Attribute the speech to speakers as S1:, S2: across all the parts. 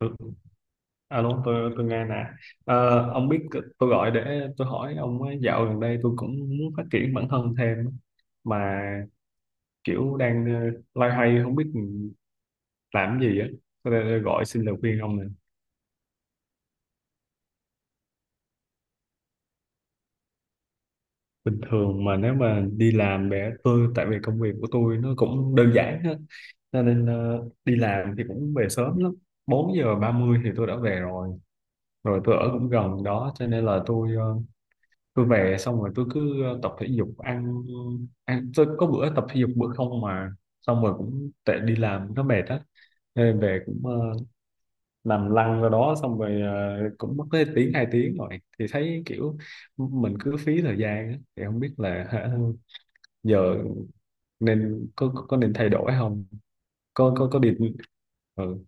S1: Ừ, Alo, tôi nghe nè. Ông biết tôi gọi để tôi hỏi ông ấy, dạo gần đây tôi cũng muốn phát triển bản thân thêm mà kiểu đang loay hoay không biết làm cái gì á. Tôi đây gọi xin lời khuyên ông nè. Bình thường mà nếu mà đi làm để tôi tại vì công việc của tôi nó cũng đơn giản hết cho nên đi làm thì cũng về sớm lắm. 4 giờ 30 thì tôi đã về rồi. Rồi tôi ở cũng gần đó cho nên là tôi về xong rồi tôi cứ tập thể dục ăn ăn tôi có bữa tập thể dục bữa không mà xong rồi cũng tệ đi làm nó mệt á nên về cũng nằm lăn ra đó xong rồi cũng mất tới tiếng 2 tiếng rồi thì thấy kiểu mình cứ phí thời gian á. Thì không biết là hả, giờ nên có nên thay đổi không? Có có đi. Ừ.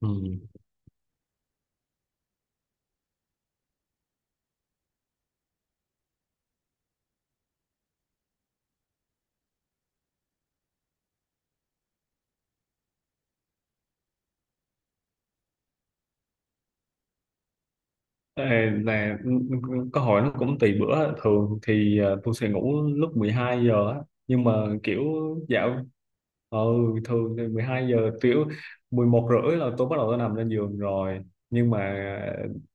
S1: Ừ. Ê, là câu hỏi nó cũng tùy bữa, thường thì tôi sẽ ngủ lúc 12 giờ á nhưng mà kiểu dạo ừ thường thì 12 giờ kiểu 11 rưỡi là tôi bắt đầu tôi nằm lên giường rồi nhưng mà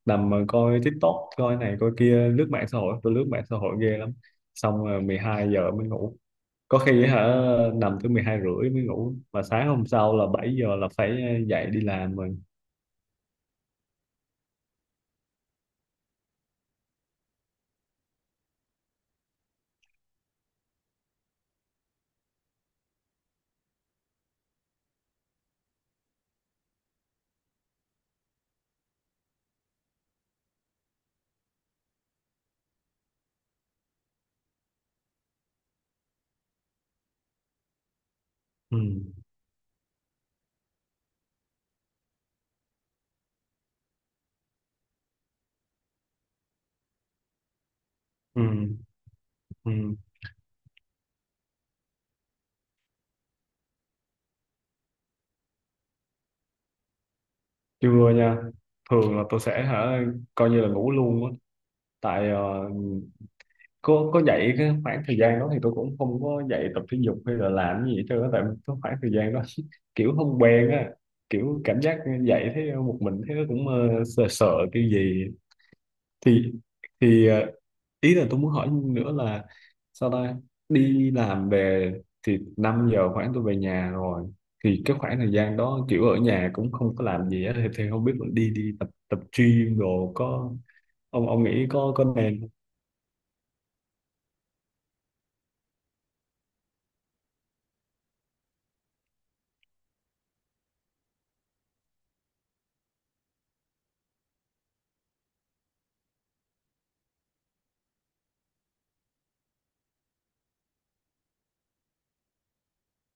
S1: nằm mà coi TikTok coi này coi kia lướt mạng xã hội, tôi lướt mạng xã hội ghê lắm xong rồi 12 giờ mới ngủ, có khi hả nằm tới 12 rưỡi mới ngủ mà sáng hôm sau là 7 giờ là phải dậy đi làm rồi. Ừ. Ừ. Ừ. Chưa nha, thường là tôi sẽ hả coi như là ngủ luôn á. Tại có dạy cái khoảng thời gian đó thì tôi cũng không có dạy tập thể dục hay là làm gì hết trơn á, tại cái khoảng thời gian đó kiểu không quen á, kiểu cảm giác dạy thấy một mình thấy nó cũng sợ sợ cái gì. Thì thì ờ, ý là tôi muốn hỏi nữa là sao ta, đi làm về thì 5 giờ khoảng tôi về nhà rồi thì cái khoảng thời gian đó kiểu ở nhà cũng không có làm gì á thì, không biết đi đi tập tập gym đồ có ông nghĩ có nên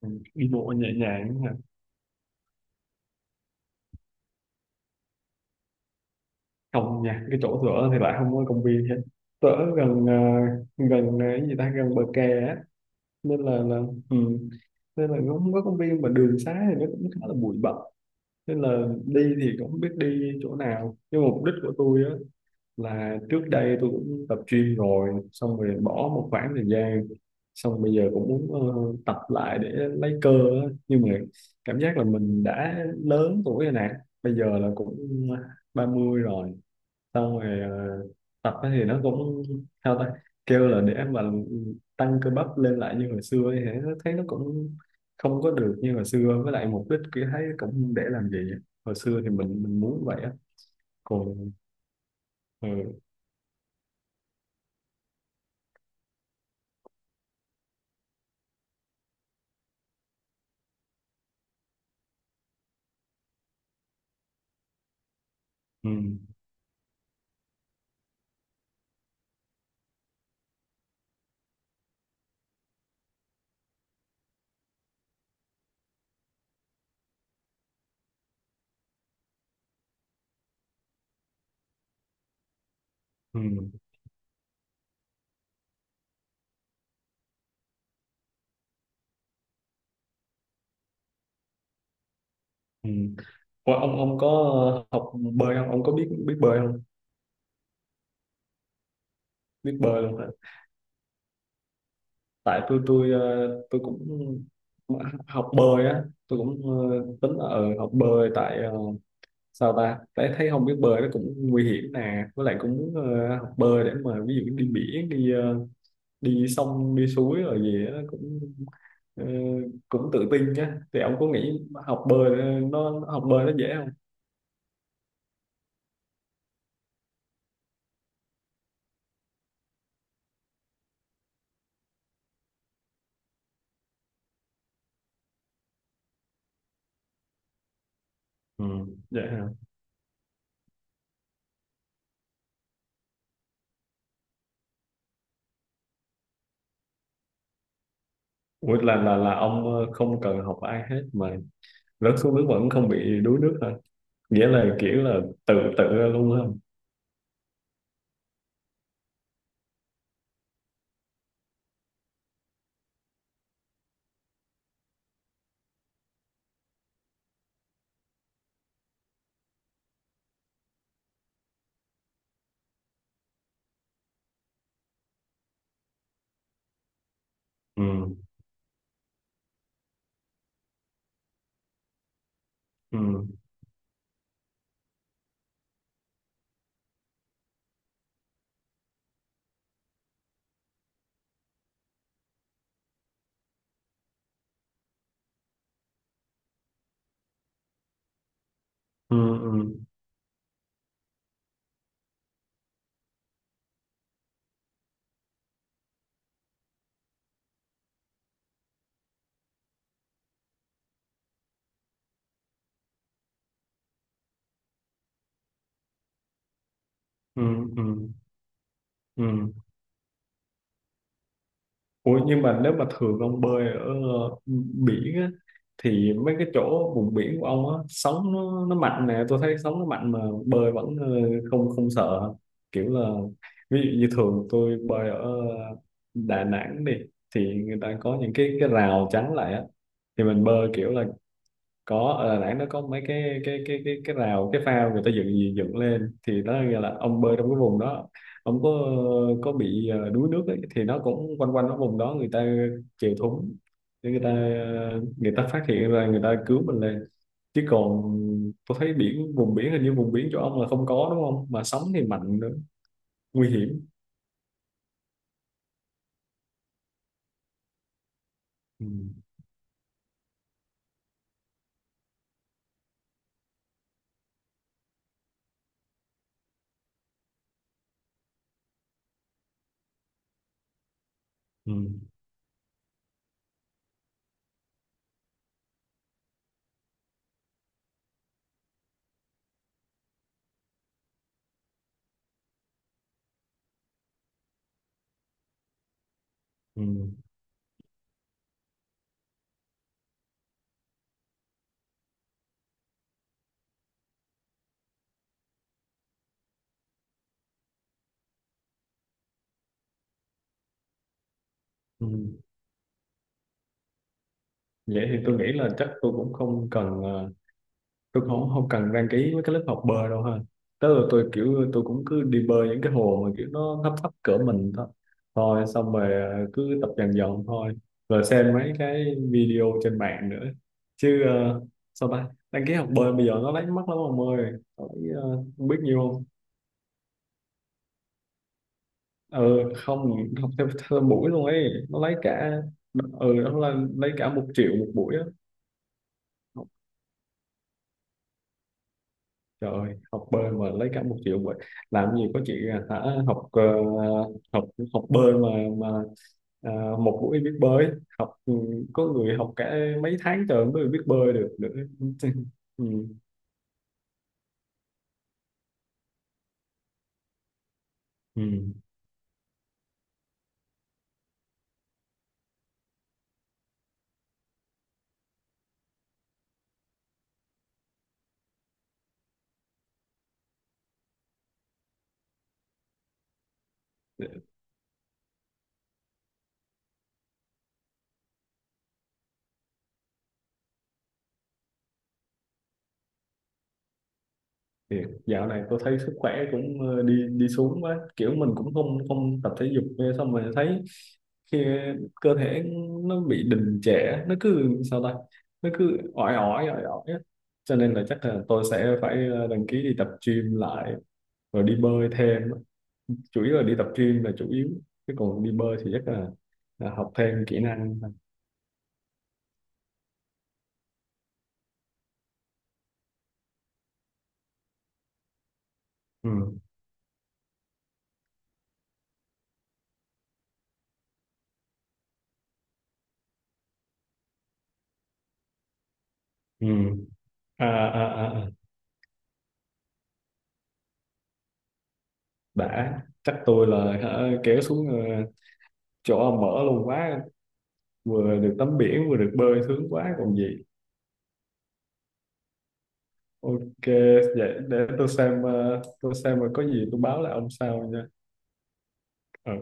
S1: không? Đi bộ nhẹ nhàng không nha, cái chỗ tớ thì lại không có công viên hết. Tớ gần cái gì ta, gần bờ kè á nên là ừ. Nên là nó không có công viên mà đường xá thì nó cũng khá là bụi bặm nên là đi thì cũng không biết đi chỗ nào, nhưng mà mục đích của tôi á là trước đây tôi cũng tập gym rồi xong rồi bỏ một khoảng thời gian, xong bây giờ cũng muốn tập lại để lấy cơ á. Nhưng mà cảm giác là mình đã lớn tuổi rồi nè, bây giờ là cũng 30 rồi, xong rồi tập á thì nó cũng sao ta, kêu là để mà tăng cơ bắp lên lại như hồi xưa ấy, thì nó thấy nó cũng không có được như hồi xưa, với lại mục đích kia thấy cũng để làm gì á. Hồi xưa thì mình muốn vậy á, còn ừ, ừ, ừ, ừ. Ủa, ông có học bơi không, ông có biết biết bơi không? Biết bơi luôn hả? Tại tôi cũng học bơi á, tôi cũng tính là học bơi, tại sao ta, thấy thấy không biết bơi nó cũng nguy hiểm nè, với lại cũng muốn học bơi để mà ví dụ đi biển đi sông đi suối rồi gì đó cũng ờ, cũng tự tin á. Thì ông có nghĩ học bơi nó học bơi nó dễ không? Ừ, dễ hả? Ủa là ông không cần học ai hết mà rớt xuống nước vẫn không bị đuối nước hả? Nghĩa là kiểu là tự tự ra luôn á? Ừ. Ừ. Ừ. Ừ. Ừ. Ừ. Ừ. Ủa, nhưng mà nếu mà thường ông bơi ở biển á thì mấy cái chỗ vùng biển của ông á, sóng nó mạnh nè, tôi thấy sóng nó mạnh mà bơi vẫn không không sợ, kiểu là ví dụ như thường tôi bơi ở Đà Nẵng đi thì người ta có những cái rào chắn lại á thì mình bơi kiểu là có, ở Đà Nẵng nó có mấy cái rào cái phao người ta dựng dựng lên thì nó nghĩa là ông bơi trong cái vùng đó, ông có bị đuối nước ấy, thì nó cũng quanh quanh cái vùng đó người ta chèo thúng để người ta phát hiện ra, người ta cứu mình lên, chứ còn tôi thấy biển, vùng biển, hình như vùng biển chỗ ông là không có đúng không, mà sóng thì mạnh nữa, nguy hiểm. Ừ. Ừ. Ừ. Ừ. Vậy thì tôi nghĩ là chắc tôi cũng không cần tôi không cần đăng ký với cái lớp học bơi đâu ha, tức là tôi kiểu tôi cũng cứ đi bơi những cái hồ mà kiểu nó thấp thấp cỡ mình thôi, thôi xong rồi cứ tập dần dần thôi rồi xem mấy cái video trên mạng nữa, chứ sao ta, đăng ký học bơi bây giờ nó lấy mất lắm ông ơi, nó lấy, ờ, không biết nhiêu không. Ừ, không, học theo buổi luôn ấy nó lấy cả, ừ, nó là lấy cả 1 triệu một buổi á. Trời ơi, học bơi mà lấy cả 1 triệu vậy. Làm gì có chị à, hả? Học học học bơi mà mà à, một buổi biết bơi, học có người học cả mấy tháng trời mới biết bơi được nữa. Ừ. Ừ. Thì dạo này tôi thấy sức khỏe cũng đi đi xuống quá, kiểu mình cũng không không tập thể dục nữa, xong rồi thấy khi cơ thể nó bị đình trệ, nó cứ sao ta, nó cứ ỏi ỏi ỏi ỏi á. Cho nên là chắc là tôi sẽ phải đăng ký đi tập gym lại rồi đi bơi thêm, chủ yếu là đi tập gym là chủ yếu, chứ còn đi bơi thì chắc là học thêm kỹ năng ừ. Ừ. À, à, à, à. Đã, chắc tôi là hả, kéo xuống chỗ ông mở luôn quá, vừa được tắm biển vừa được bơi sướng quá còn gì. Ok, vậy để tôi xem tôi xem, mà có gì tôi báo lại ông sau nha. Ờ.